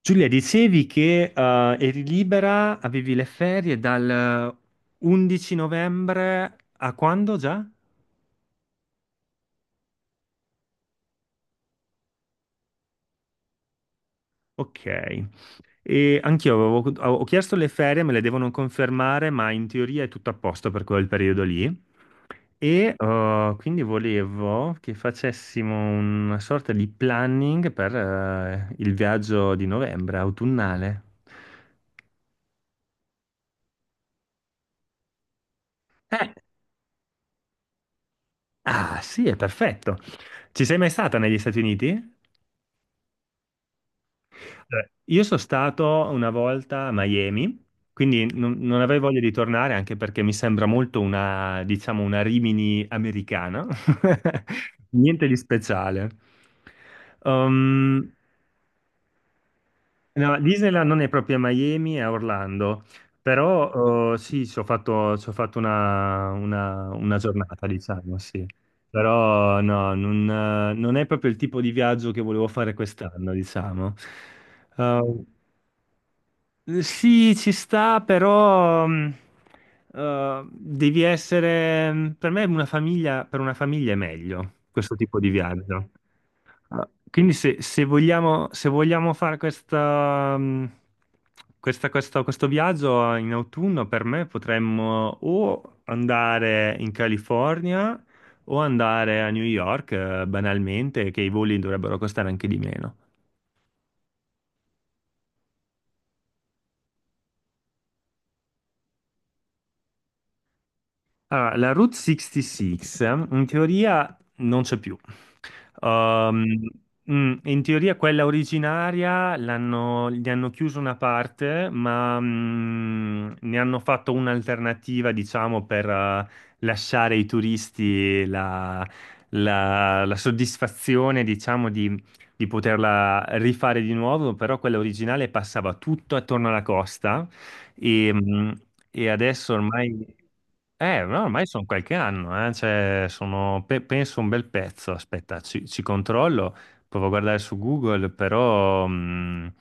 Giulia, dicevi che eri libera, avevi le ferie dal 11 novembre a quando già? Ok. E anch'io ho chiesto le ferie, me le devono confermare, ma in teoria è tutto a posto per quel periodo lì. E quindi volevo che facessimo una sorta di planning per il viaggio di novembre, autunnale. Eh, ah, sì, è perfetto. Ci sei mai stata negli Stati Uniti? Cioè, io sono stato una volta a Miami, quindi non avrei voglia di tornare anche perché mi sembra molto diciamo, una Rimini americana. Niente di speciale. Um, no, Disneyland non è proprio a Miami, è a Orlando, però sì, ci ho fatto una giornata, diciamo, sì. Però no, non è proprio il tipo di viaggio che volevo fare quest'anno, diciamo. Ehm, sì, ci sta, però devi essere... Per me una famiglia, per una famiglia è meglio questo tipo di viaggio. Quindi se vogliamo fare questo viaggio in autunno, per me potremmo o andare in California o andare a New York, banalmente, che i voli dovrebbero costare anche di meno. Allora, la Route 66 in teoria non c'è più. Um, In teoria quella originaria gli hanno chiuso una parte, ma ne hanno fatto un'alternativa, diciamo, per lasciare ai turisti la soddisfazione, diciamo, di poterla rifare di nuovo, però quella originale passava tutto attorno alla costa e, mm, e adesso ormai... No, ormai sono qualche anno, cioè, sono, penso un bel pezzo, aspetta, ci controllo, provo a guardare su Google, però, mh,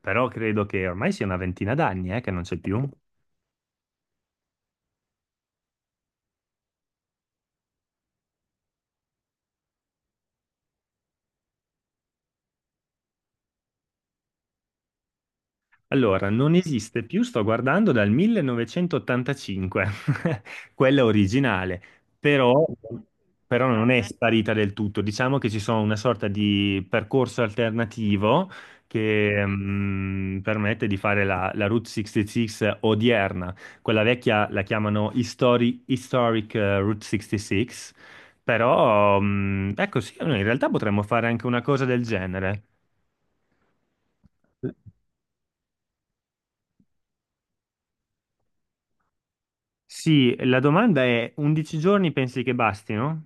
però credo che ormai sia una ventina d'anni, che non c'è più. Allora, non esiste più, sto guardando dal 1985, quella originale, però, però non è sparita del tutto. Diciamo che ci sono una sorta di percorso alternativo che permette di fare la Route 66 odierna. Quella vecchia la chiamano Historic Route 66, però ecco sì, noi in realtà potremmo fare anche una cosa del genere. Sì, la domanda è 11 giorni pensi che bastino?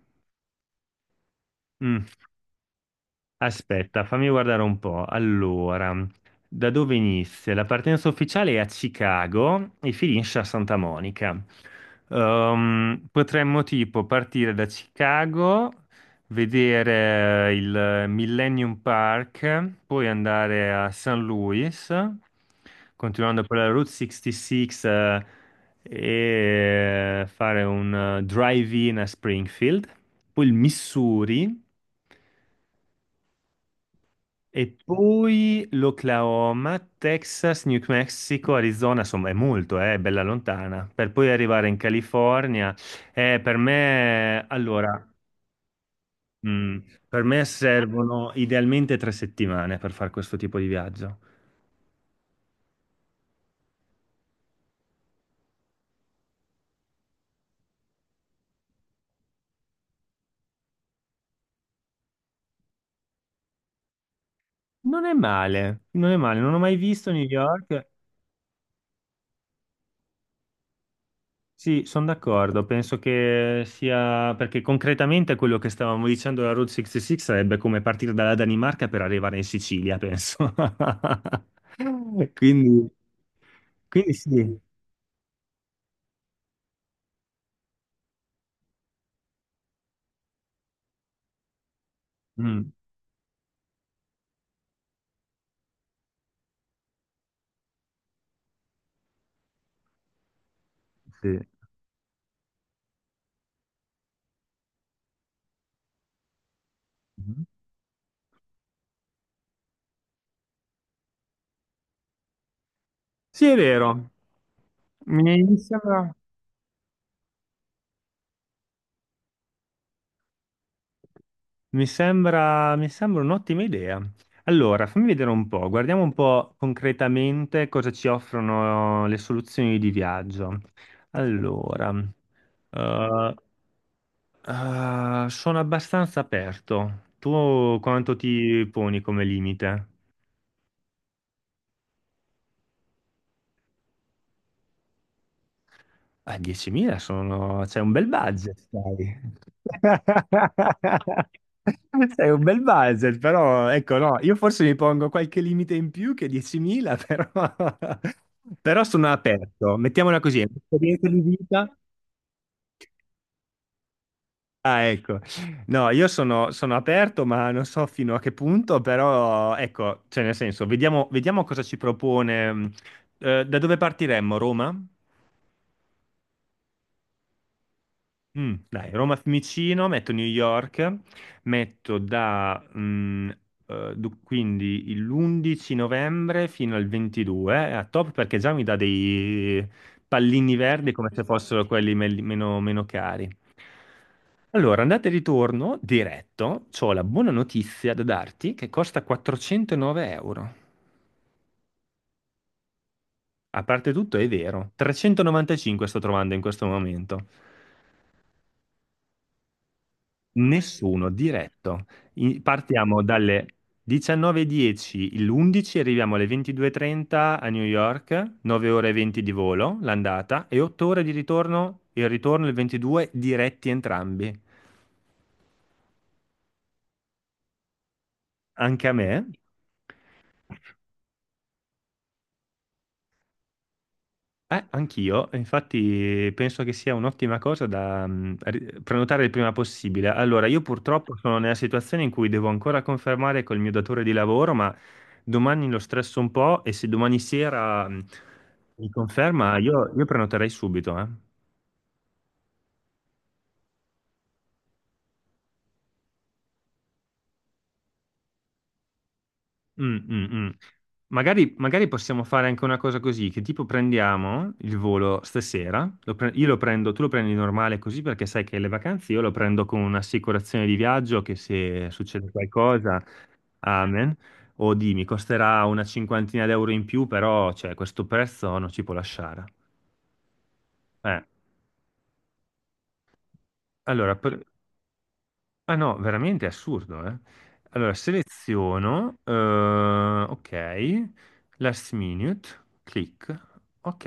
Mm. Aspetta, fammi guardare un po'. Allora, da dove inizia? La partenza ufficiale è a Chicago e finisce a Santa Monica. Potremmo tipo partire da Chicago, vedere il Millennium Park, poi andare a St. Louis, continuando per la Route 66, e fare un drive-in a Springfield, poi il Missouri. E poi l'Oklahoma, Texas, New Mexico, Arizona, insomma è è bella lontana, per poi arrivare in California. Per me, allora, mm, per me servono idealmente tre settimane per fare questo tipo di viaggio. Non è male, non è male, non ho mai visto New York. Sì, sono d'accordo, penso che sia perché concretamente quello che stavamo dicendo la Route 66 sarebbe come partire dalla Danimarca per arrivare in Sicilia, penso. Quindi, sì. Mm, sì. Mm-hmm. Sì, è vero, mi mi sembra, mi sembra un'ottima idea. Allora, fammi vedere un po', guardiamo un po' concretamente cosa ci offrono le soluzioni di viaggio. Allora, eh, ah, sono abbastanza aperto. Tu quanto ti poni come limite? Ah, 10.000 sono... C'è un bel budget, dai. Sei un bel budget, però ecco, no, io forse mi pongo qualche limite in più che 10.000, però, però sono aperto. Mettiamola così, è un'esperienza di vita. Ah, ecco. No, io sono aperto, ma non so fino a che punto, però ecco, cioè nel senso, vediamo, cosa ci propone. Da dove partiremmo? Roma? Mm, dai, Roma Fiumicino, metto New York, metto da quindi l'11 novembre fino al 22, a top perché già mi dà dei pallini verdi come se fossero quelli meno cari. Allora, andata e ritorno diretto, ho la buona notizia da darti che costa 409 euro. A parte tutto, è vero, 395 sto trovando in questo momento. Nessuno diretto. Partiamo dalle 19:10 l'11, arriviamo alle 22:30 a New York, 9 ore e 20 di volo l'andata e 8 ore di ritorno il 22 diretti entrambi. Anche a me. Anch'io, infatti penso che sia un'ottima cosa da prenotare il prima possibile. Allora, io purtroppo sono nella situazione in cui devo ancora confermare col mio datore di lavoro, ma domani lo stresso un po' e se domani sera mi conferma, io prenoterei subito, eh. Mm, mm, mm. Magari, magari possiamo fare anche una cosa così, che tipo prendiamo il volo stasera, io lo prendo, tu lo prendi normale così perché sai che le vacanze io lo prendo con un'assicurazione di viaggio che se succede qualcosa, amen, o di mi costerà una cinquantina d'euro in più, però cioè, questo prezzo non ci può lasciare. Eh, allora. Ah no, veramente è assurdo, eh. Allora, seleziono, ok, last minute, clic, ok.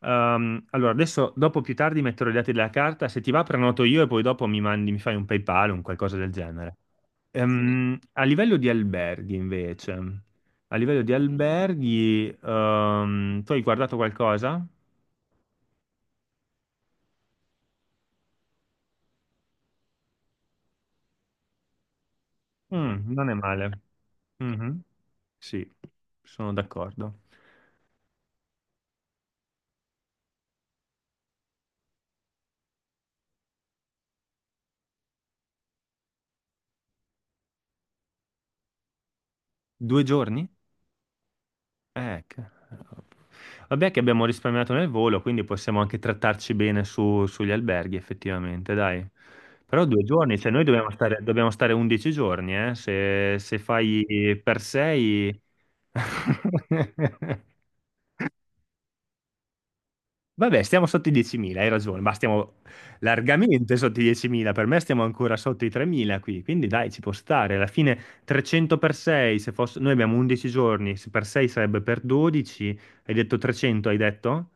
Allora, adesso, dopo più tardi metterò i dati della carta, se ti va prenoto io e poi dopo mi mandi, mi fai un PayPal o un qualcosa del genere. Sì. A livello di alberghi, invece, a livello di alberghi, tu hai guardato qualcosa? Mm, non è male. Mhm. Sì, sono d'accordo. Due giorni? Eh, che- Vabbè che abbiamo risparmiato nel volo, quindi possiamo anche trattarci bene sugli alberghi, effettivamente, dai. Però due giorni, cioè noi dobbiamo stare 11 giorni, eh? Se fai per sei... Vabbè, stiamo sotto i 10.000, hai ragione, ma stiamo largamente sotto i 10.000, per me stiamo ancora sotto i 3.000 qui, quindi dai, ci può stare. Alla fine 300 per 6, se fosse... noi abbiamo 11 giorni, se per 6 sarebbe per 12, hai detto 300, hai detto?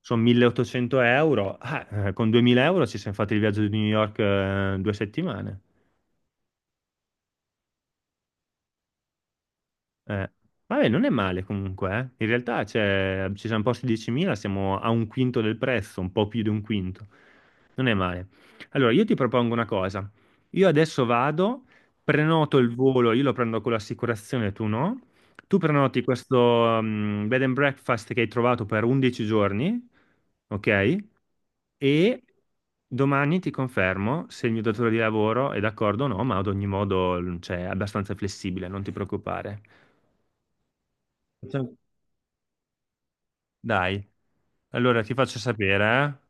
Sono 1.800 euro. Ah, con 2.000 euro ci siamo fatti il viaggio di New York, due settimane. Eh, vabbè, non è male comunque, eh. In realtà ci siamo posti 10.000, siamo a un quinto del prezzo, un po' più di un quinto. Non è male. Allora, io ti propongo una cosa. Io adesso vado, prenoto il volo, io lo prendo con l'assicurazione, tu no. Tu prenoti questo bed and breakfast che hai trovato per 11 giorni, ok? E domani ti confermo se il mio datore di lavoro è d'accordo o no, ma ad ogni modo, cioè, è abbastanza flessibile, non ti preoccupare. Dai, allora ti faccio sapere, eh?